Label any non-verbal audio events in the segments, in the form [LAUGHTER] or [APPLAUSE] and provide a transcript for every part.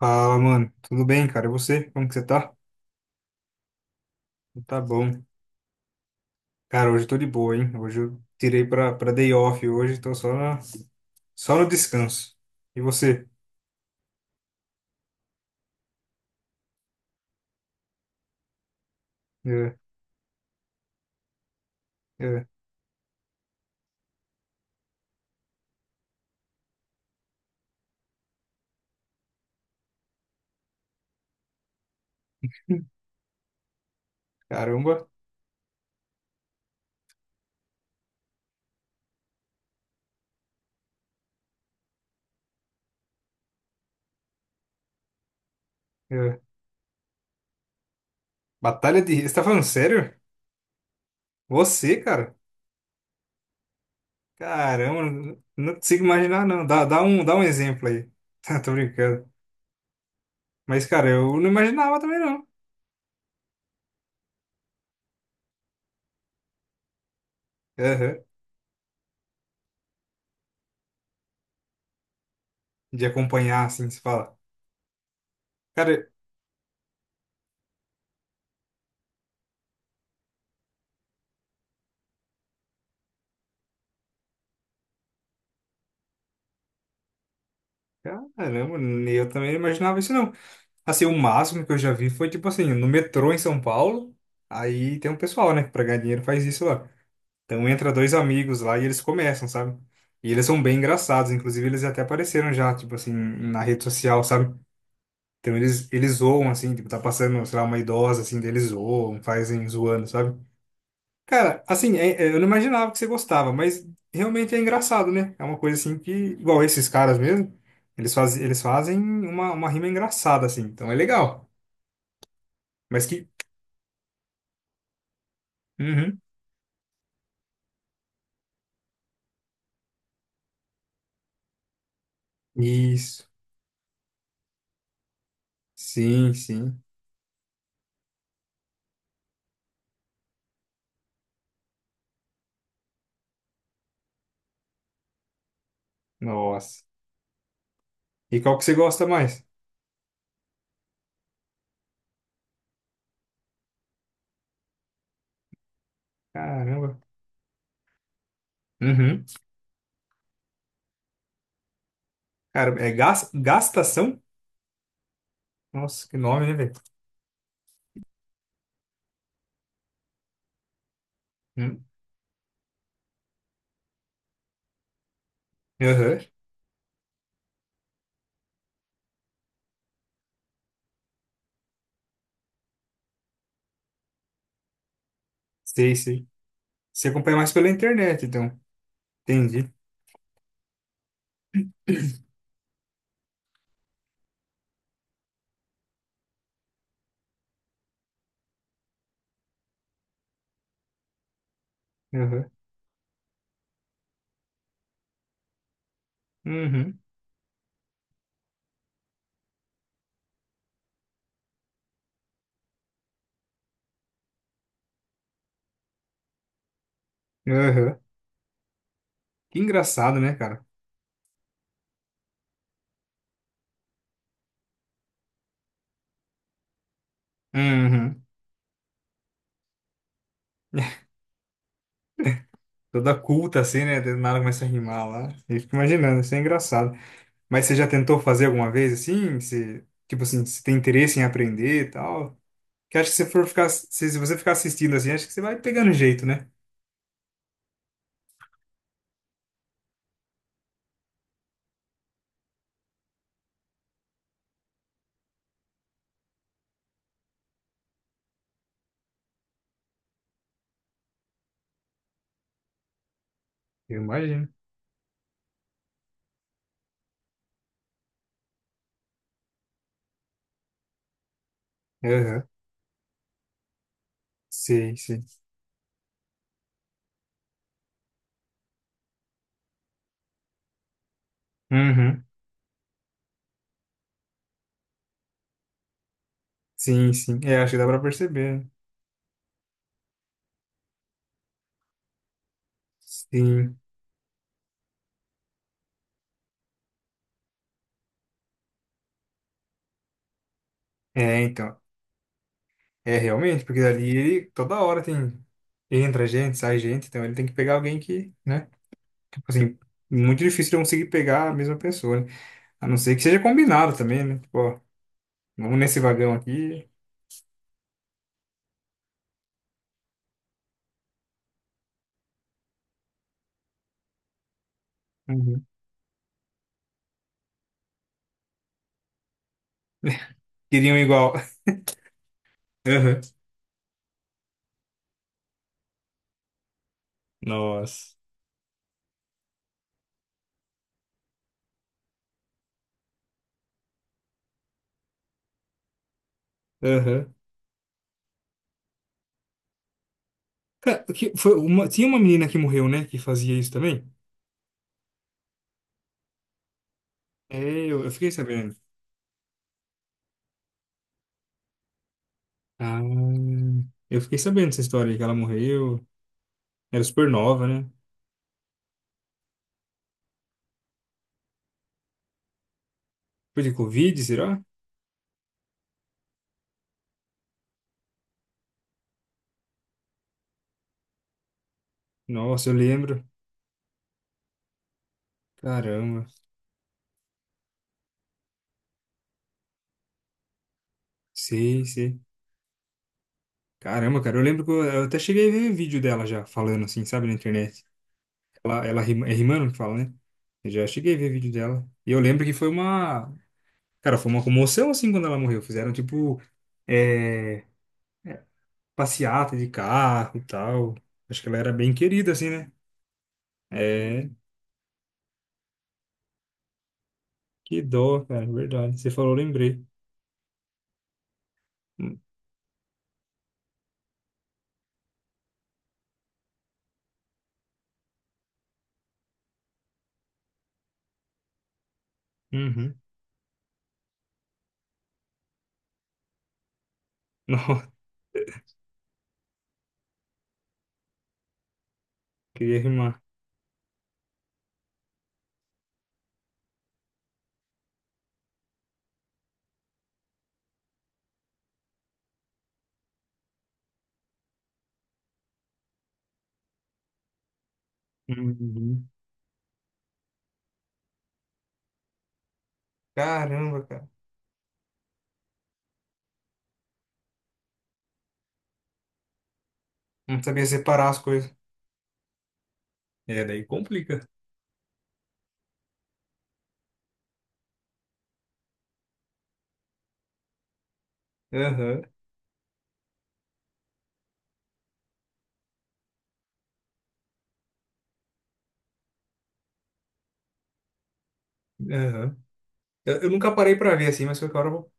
Fala, mano. Tudo bem, cara? E você? Como que você tá? Tá bom. Cara, hoje eu tô de boa, hein? Hoje eu tirei pra day off hoje, tô só, na, só no descanso. E você? É, é. [LAUGHS] Caramba. É. Batalha de... Você tá falando sério? Você, cara? Caramba, não consigo imaginar, não. Dá um exemplo aí. [LAUGHS] Tô brincando. Mas, cara, eu não imaginava também, não. Aham. De acompanhar, assim, se fala. Cara, caramba, eu também não imaginava isso, não. Assim, o máximo que eu já vi foi, tipo assim, no metrô em São Paulo, aí tem um pessoal, né, que pra ganhar dinheiro faz isso lá. Então entra dois amigos lá e eles começam, sabe? E eles são bem engraçados, inclusive eles até apareceram já, tipo assim, na rede social, sabe? Então eles zoam, assim, tipo, tá passando, sei lá, uma idosa, assim, deles zoam, fazem zoando, sabe? Cara, assim, eu não imaginava que você gostava, mas realmente é engraçado, né? É uma coisa assim que, igual esses caras mesmo, eles fazem uma rima engraçada, assim, então é legal. Mas que, uhum. Isso. Sim, sim. Nossa. E qual que você gosta mais? Caramba. Uhum. Cara, é gastação? Nossa, que nome, né, velho? Hum. Aham. Sei, sei. Você acompanha mais pela internet, então. Entendi. Aham. Uhum. Aham. Que engraçado, né, cara? Uhum. [LAUGHS] Toda culta assim, né? Do nada começa a rimar lá. Eu fico imaginando, isso é engraçado. Mas você já tentou fazer alguma vez assim? Você, tipo assim, você tem interesse em aprender e tal? Que acho que se for ficar, se você ficar assistindo assim, acho que você vai pegando jeito, né? Eu imagino. Aham. Sim, sim. Uhum. Sim, sim. É, acho que dá pra perceber. Sim. É, então. É, realmente, porque ali ele toda hora tem. Entra gente, sai gente, então ele tem que pegar alguém que, né? Tipo assim, muito difícil de conseguir pegar a mesma pessoa, né? A não ser que seja combinado também, né? Tipo, ó, vamos nesse vagão aqui. Uhum. Queriam igual. [LAUGHS] Aham. Nossa. Aham. Cara, que foi uma, tinha uma menina que morreu, né? Que fazia isso também? É, eu fiquei sabendo. Ah, eu fiquei sabendo dessa história aí, que ela morreu. Era super nova, né? Foi de Covid, será? Nossa, eu lembro. Caramba. Sei, sei. Caramba, cara, eu lembro que eu até cheguei a ver vídeo dela já, falando assim, sabe, na internet. É rimando que fala, né? Eu já cheguei a ver vídeo dela. E eu lembro que foi uma. Cara, foi uma comoção assim quando ela morreu. Fizeram tipo. É, passeata de carro e tal. Acho que ela era bem querida, assim, né? É, que dó, cara, verdade. Você falou, eu lembrei. Uhum. [LAUGHS] Nossa, queria rimar. Uhum. Caramba, cara. Não sabia separar as coisas. É, daí complica. Aham, aham. Eu nunca parei pra ver assim, mas qualquer hora eu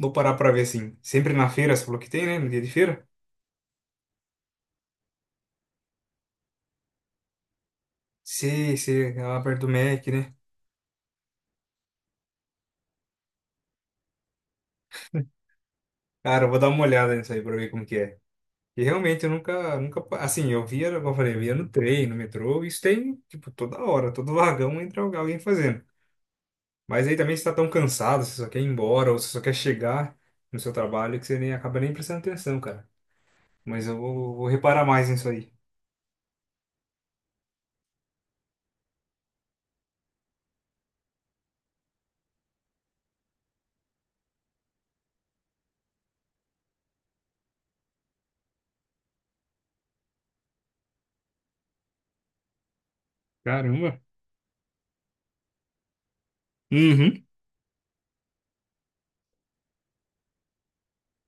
vou parar pra ver assim. Sempre na feira, você falou que tem, né? No dia de feira? Sei, sei, é lá perto do Mac, né? [LAUGHS] Cara, eu vou dar uma olhada nisso aí pra ver como que é. E realmente eu nunca, nunca, pa- assim, eu via, como eu falei, eu via no trem, no metrô, isso tem, tipo, toda hora, todo vagão entra alguém fazendo. Mas aí também você tá tão cansado, você só quer ir embora, ou você só quer chegar no seu trabalho, que você nem acaba nem prestando atenção, cara. Mas eu vou reparar mais nisso aí. Caramba. Uhum.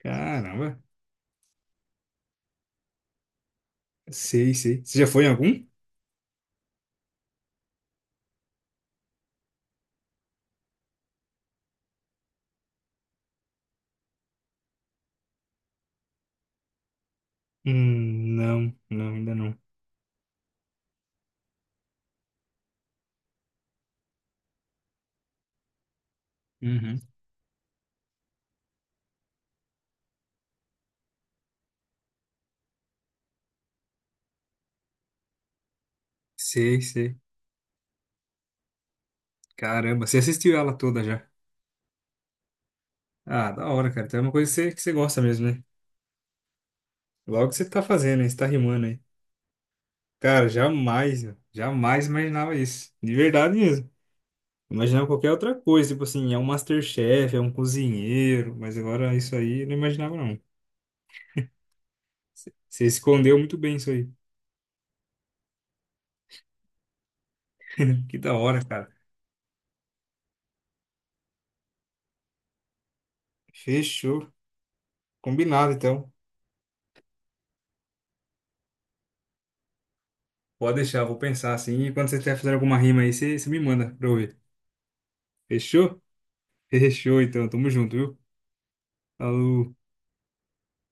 Caramba. Sei, sei. Você já foi em algum? Não, não, ainda não. Uhum. Sei, sei. Caramba, você assistiu ela toda já. Ah, da hora, cara. Então é uma coisa que que você gosta mesmo, né? Logo que você tá fazendo, hein? Você tá rimando aí. Cara, jamais, meu. Jamais imaginava isso. De verdade mesmo. Imaginava qualquer outra coisa, tipo assim, é um MasterChef, é um cozinheiro, mas agora isso aí eu não imaginava não. Você escondeu muito bem isso aí. Que da hora, cara. Fechou. Combinado, então. Pode deixar, vou pensar assim. E quando você estiver fazendo alguma rima aí, você me manda pra eu ver. Fechou? [LAUGHS] Fechou, então. Tamo junto, viu? Falou.